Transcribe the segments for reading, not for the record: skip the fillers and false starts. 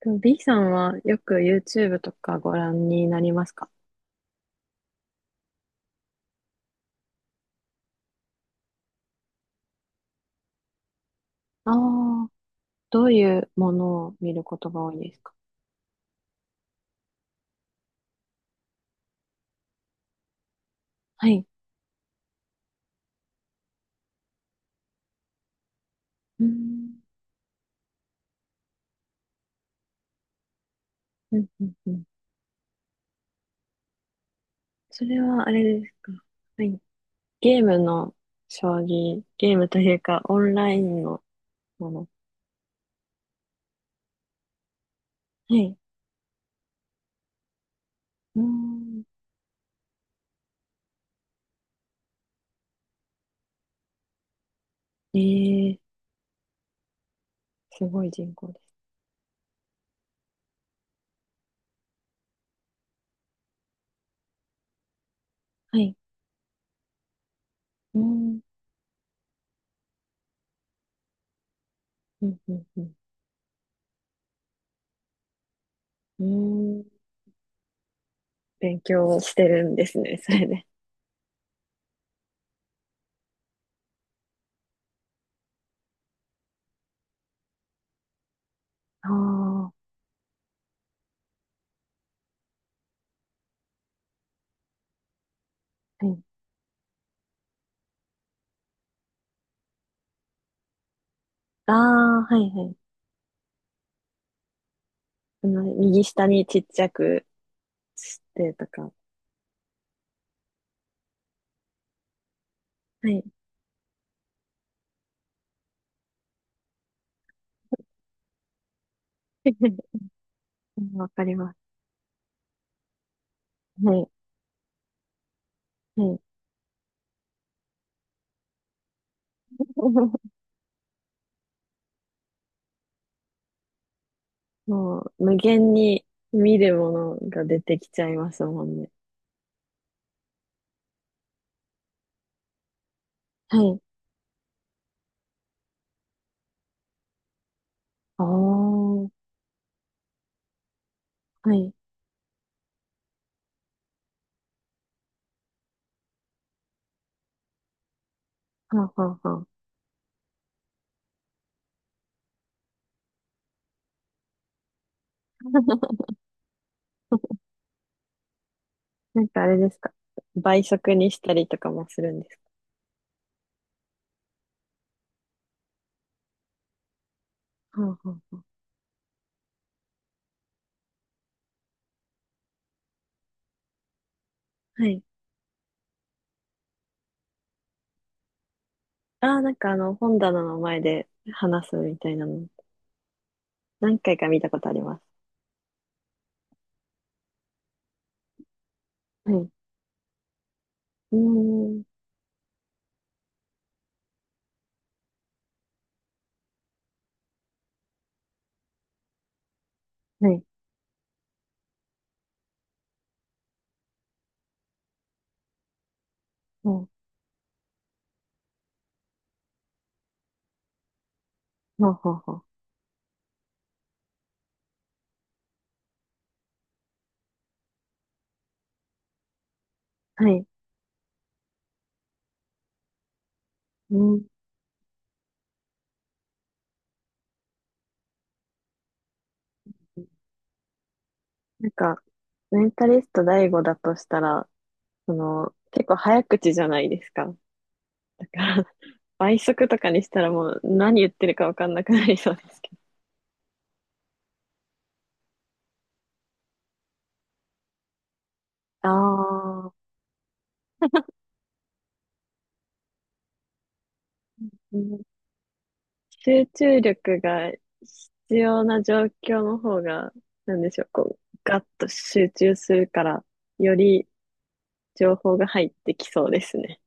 で、 B さんはよく YouTube とかご覧になりますか？ああー、どういうものを見ることが多いですか？はい。うーん、うん、うん、うん。それはあれですか？はい。ゲームの将棋、ゲームというかオンラインのもの。はい。うーん。ええ。すごい人口です。はい。うーん、うん、うん、うん。うーん。勉強してるんですね、それで。ああ、はい。ああ、はい、はい。その右下にちっちゃくしてとか。はい。わかります。はい。はい。もう、無限に見るものが出てきちゃいますもんね。はい。ああ、はい。はあ、はあ、はあ。なんかあれですか？倍速にしたりとかもするんですか？はあ、はあ、はあ。はい。ああ、なんか本棚の前で話すみたいなの、何回か見たことあります。はい。うーん。はい。はあ、はあ、はあ。はあ、はい。うん。なんか、メンタリスト大吾だとしたら、その、結構早口じゃないですか。だから、倍速とかにしたらもう何言ってるかわかんなくなりそうですけど。ああ、うん。集中力が必要な状況の方が、なんでしょう、こう、ガッと集中するから、より情報が入ってきそうですね。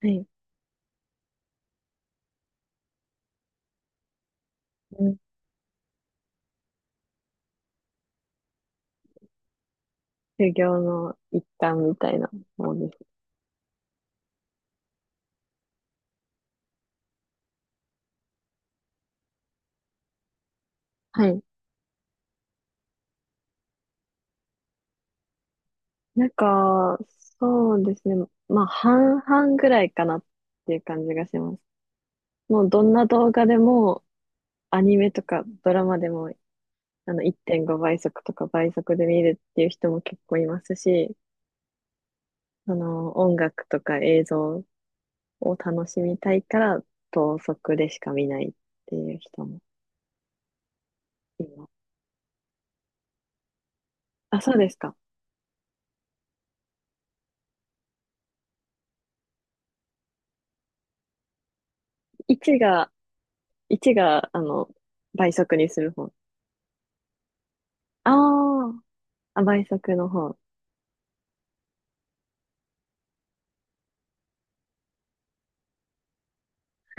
はい。うん。修行の一環みたいなものです。はい。なんか、そうですね。まあ、半々ぐらいかなっていう感じがします。もうどんな動画でも、アニメとかドラマでも、1.5倍速とか倍速で見るっていう人も結構いますし、その、音楽とか映像を楽しみたいから、等速でしか見ないっていう人もいます。あ、そうですか。1が、1が、倍速にする方。あーあ、倍速の方。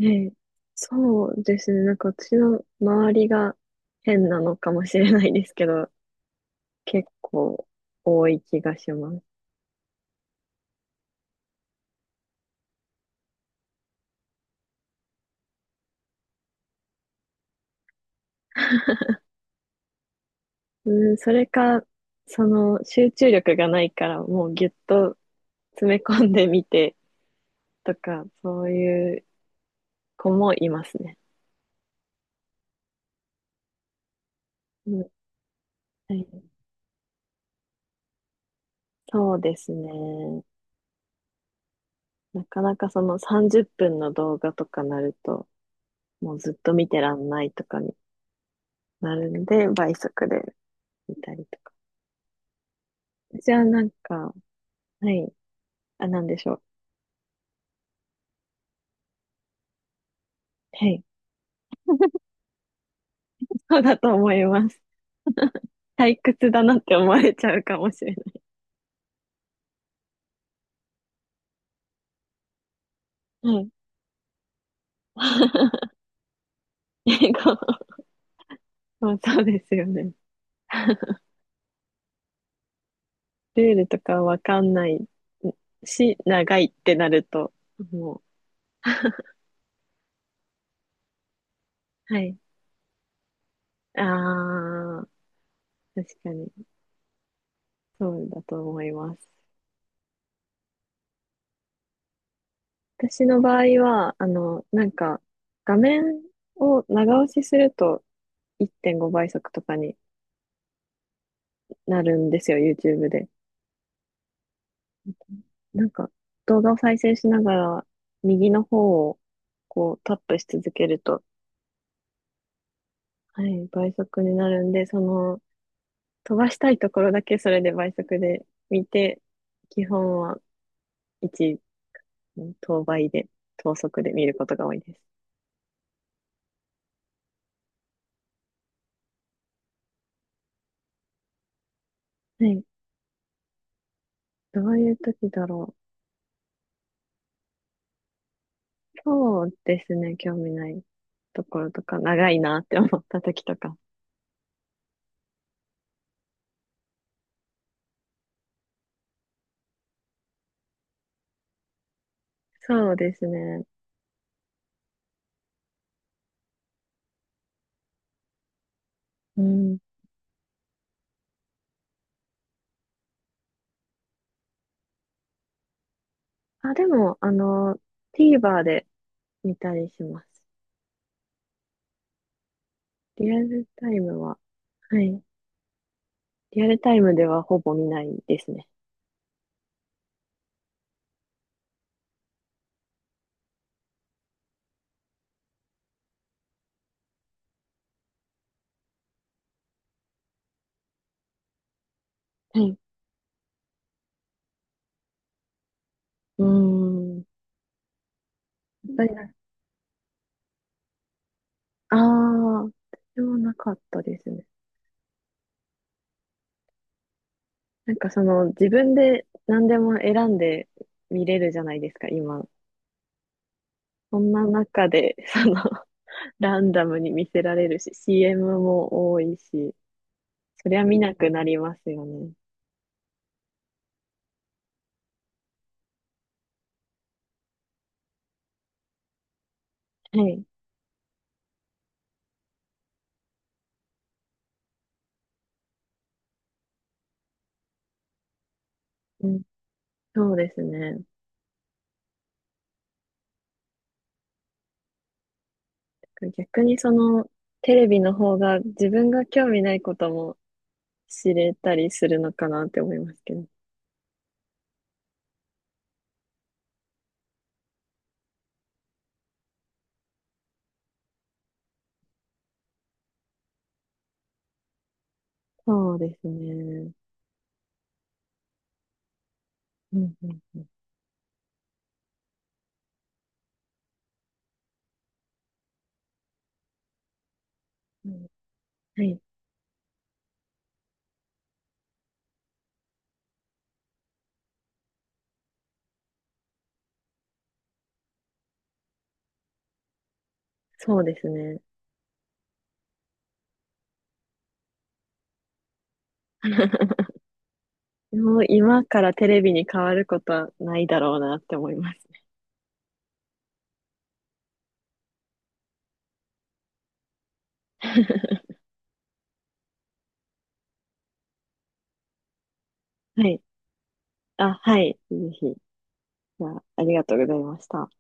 ええ、そうですね。なんか私の周りが変なのかもしれないですけど、結構多い気がします。うん、それか、その集中力がないからもうぎゅっと詰め込んでみてとか、そういう子もいますね。うん、はい、そうですね。なかなかその30分の動画とかなると、もうずっと見てらんないとかになるんで、倍速で見たりとか。じゃあなんか、はい。あ、なんでしょう。はい。そうだと思います。退屈だなって思われちゃうかもしれない。はい。英語、もうそうですよね。ルールとかわかんないし、長いってなると、もう、はい。ああ、確かに、そうだと思います。私の場合は、なんか、画面を長押しすると1.5倍速とかになるんですよ、YouTube で。なんか、動画を再生しながら、右の方を、こう、タップし続けると、はい、倍速になるんで、その、飛ばしたいところだけそれで倍速で見て、基本は1、等倍で、等速で見ることが多いです。はい。どういう時だろう。そうですね、興味ないところとか、長いなって思った時とか。そうですね。うん。あ、でも、TVer で見たりします。リアルタイムは、はい。リアルタイムではほぼ見ないですね。はい。うーん。やっぱりな、ああ、でもなかったですね。なんかその自分で何でも選んで見れるじゃないですか、今。そんな中で、その、ランダムに見せられるし、CM も多いし、そりゃ見なくなりますよね。はい。うん、そうですね。逆にその、テレビの方が自分が興味ないことも知れたりするのかなって思いますけど。そうですね。うんうんうんうん。はい。そうですね。もう今からテレビに変わることはないだろうなって思いますね。はい。あ、はい。ぜひ。じゃあ、ありがとうございました。